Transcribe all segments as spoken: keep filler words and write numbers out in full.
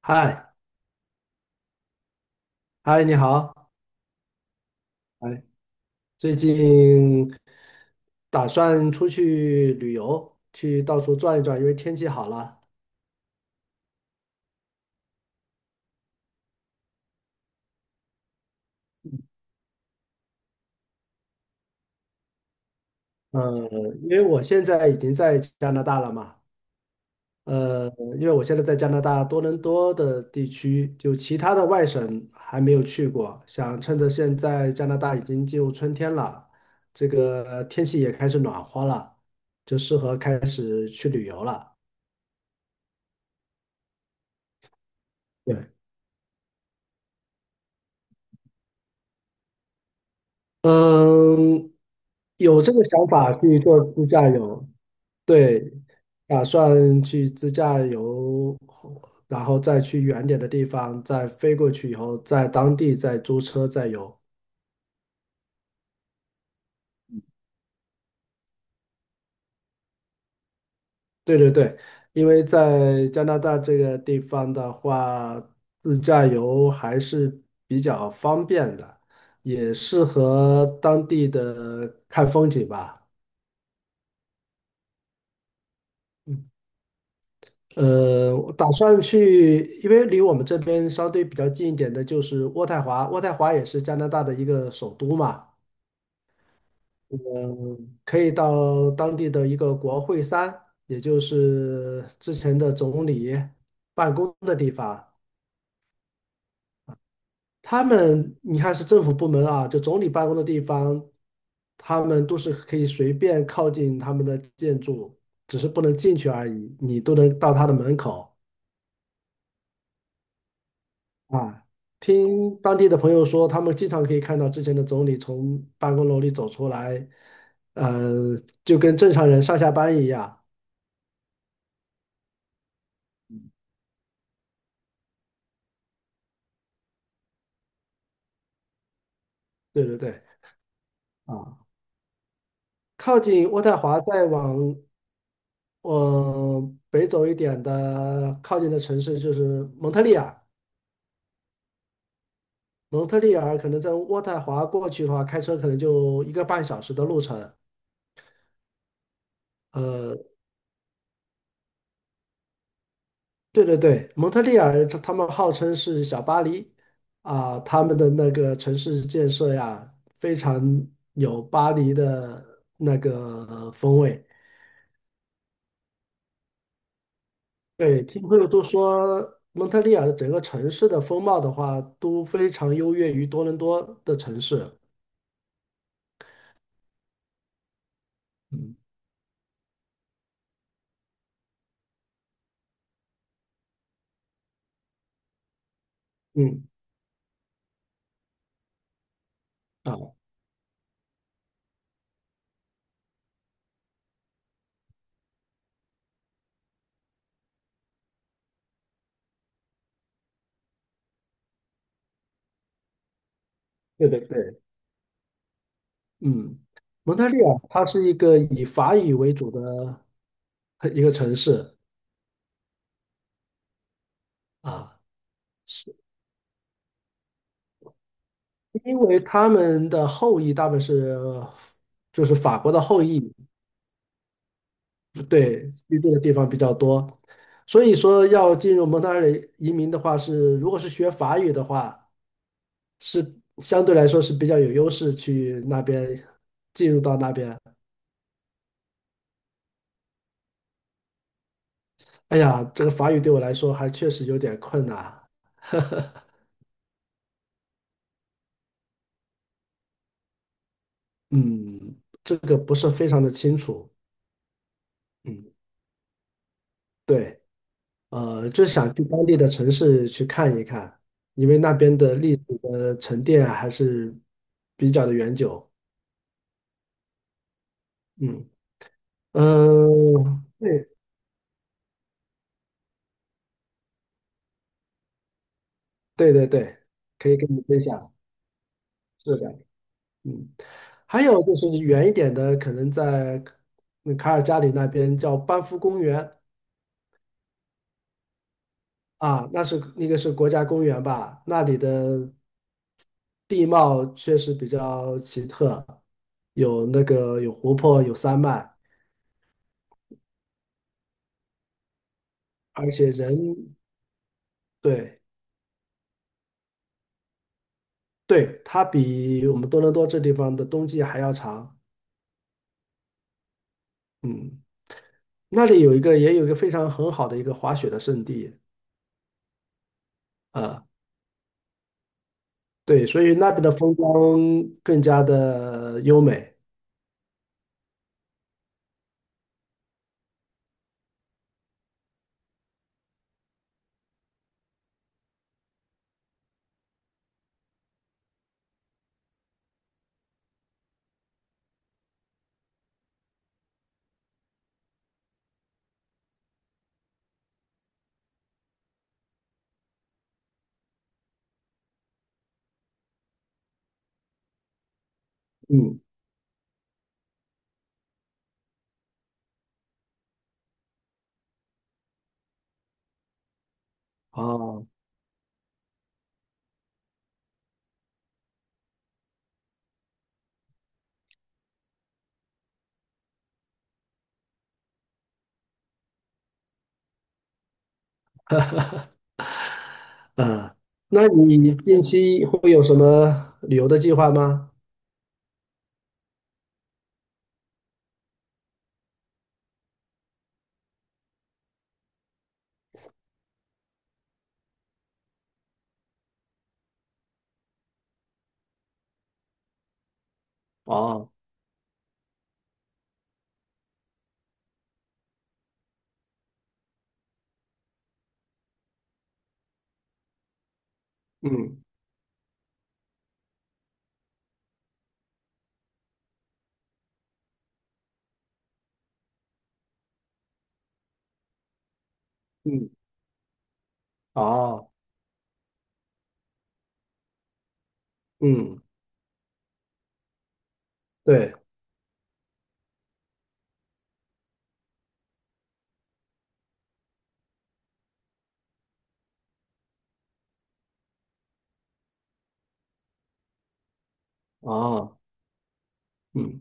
嗨，嗨，你好，哎，最近打算出去旅游，去到处转一转，因为天气好了。嗯，因为我现在已经在加拿大了嘛。呃，因为我现在在加拿大多伦多的地区，就其他的外省还没有去过，想趁着现在加拿大已经进入春天了，这个天气也开始暖和了，就适合开始去旅游了。对。嗯，有这个想法去做自驾游，对，打算去自驾游，然后再去远点的地方，再飞过去以后，在当地再租车再游。对对对，因为在加拿大这个地方的话，自驾游还是比较方便的，也适合当地的看风景吧。嗯。呃，我打算去，因为离我们这边相对比较近一点的就是渥太华，渥太华也是加拿大的一个首都嘛。嗯，可以到当地的一个国会山，也就是之前的总理办公的地方。他们你看是政府部门啊，就总理办公的地方，他们都是可以随便靠近他们的建筑，只是不能进去而已，你都能到他的门口。啊，听当地的朋友说，他们经常可以看到之前的总理从办公楼里走出来，呃，就跟正常人上下班一样。对对对。啊，靠近渥太华再往呃北走一点的靠近的城市就是蒙特利尔。蒙特利尔可能在渥太华过去的话，开车可能就一个半小时的路程。呃，对对对，蒙特利尔他他们号称是小巴黎啊，他们的那个城市建设呀，非常有巴黎的那个风味。对，听朋友都说蒙特利尔的整个城市的风貌的话，都非常优越于多伦多的城市。嗯嗯。啊，对对对。嗯，蒙特利尔它是一个以法语为主的一个城市啊。是。因为他们的后裔大部分是就是法国的后裔，对，居住的地方比较多，所以说要进入蒙特利尔移民的话是，如果是学法语的话，是相对来说是比较有优势去那边进入到那边。哎呀，这个法语对我来说还确实有点困难，嗯，这个不是非常的清楚。嗯，对。呃，就是想去当地的城市去看一看，因为那边的历史的沉淀啊还是比较的悠久。嗯。呃，对对对对，可以跟你分享，是的。嗯，还有就是远一点的，可能在嗯卡尔加里那边叫班夫公园啊，那是那个是国家公园吧，那里的地貌确实比较奇特，有那个有湖泊，有山脉。而且人对对，它比我们多伦多这地方的冬季还要长。嗯，那里有一个也有一个非常很好的一个滑雪的圣地啊。对，所以那边的风光更加的优美。嗯，哦，嗯，那你近期会有什么旅游的计划吗？哦，嗯嗯，哦，嗯，对，哦，嗯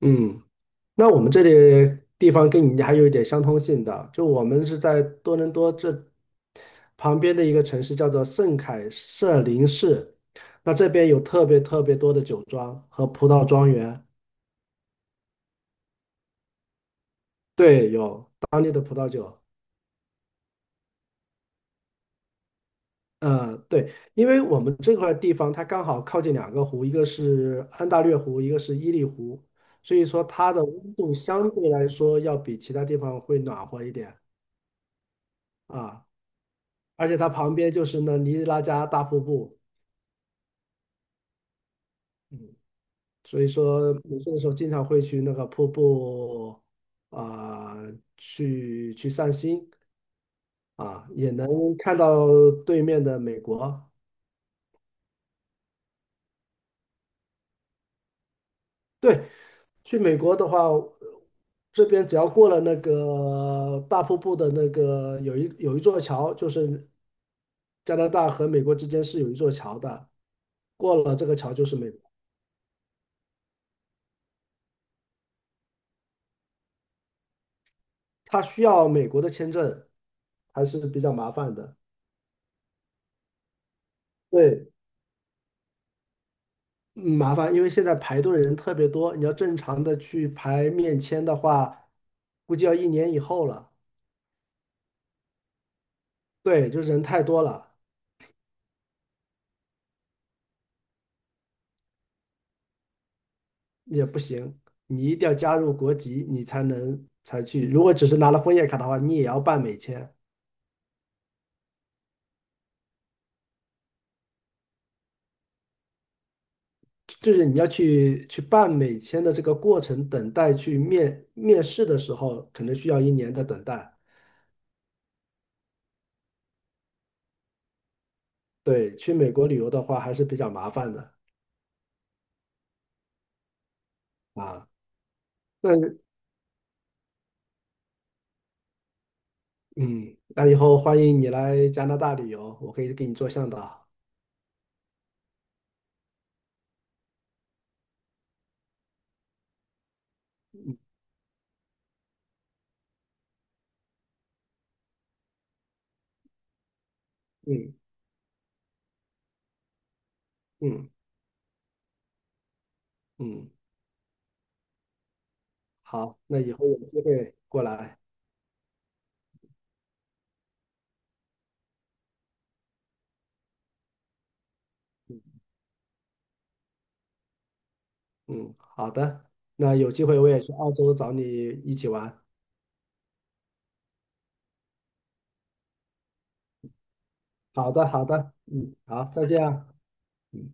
嗯。那我们这里地方跟你还有一点相通性的，就我们是在多伦多这旁边的一个城市，叫做圣凯瑟琳市。那这边有特别特别多的酒庄和葡萄庄园，对，有当地的葡萄酒。呃，对，因为我们这块地方它刚好靠近两个湖，一个是安大略湖，一个是伊利湖，所以说它的温度相对来说要比其他地方会暖和一点啊。而且它旁边就是那尼亚拉加大瀑布。嗯，所以说没事的时候经常会去那个瀑布啊、去去散心啊，也能看到对面的美国。对，去美国的话，这边只要过了那个大瀑布的那个有一有一座桥，就是加拿大和美国之间是有一座桥的，过了这个桥就是美国。它需要美国的签证，还是比较麻烦的。对，嗯麻烦，因为现在排队的人特别多，你要正常的去排面签的话，估计要一年以后了。对，就是人太多了也不行，你一定要加入国籍，你才能才去。如果只是拿了枫叶卡的话，你也要办美签，就是你要去去办美签的这个过程，等待去面面试的时候，可能需要一年的等待。对，去美国旅游的话还是比较麻烦的啊。那嗯，那以后欢迎你来加拿大旅游，我可以给你做向导。嗯嗯嗯，好，那以后有机会过来。嗯，好的，那有机会我也去澳洲找你一起玩。好的好的，嗯，好，再见啊。嗯。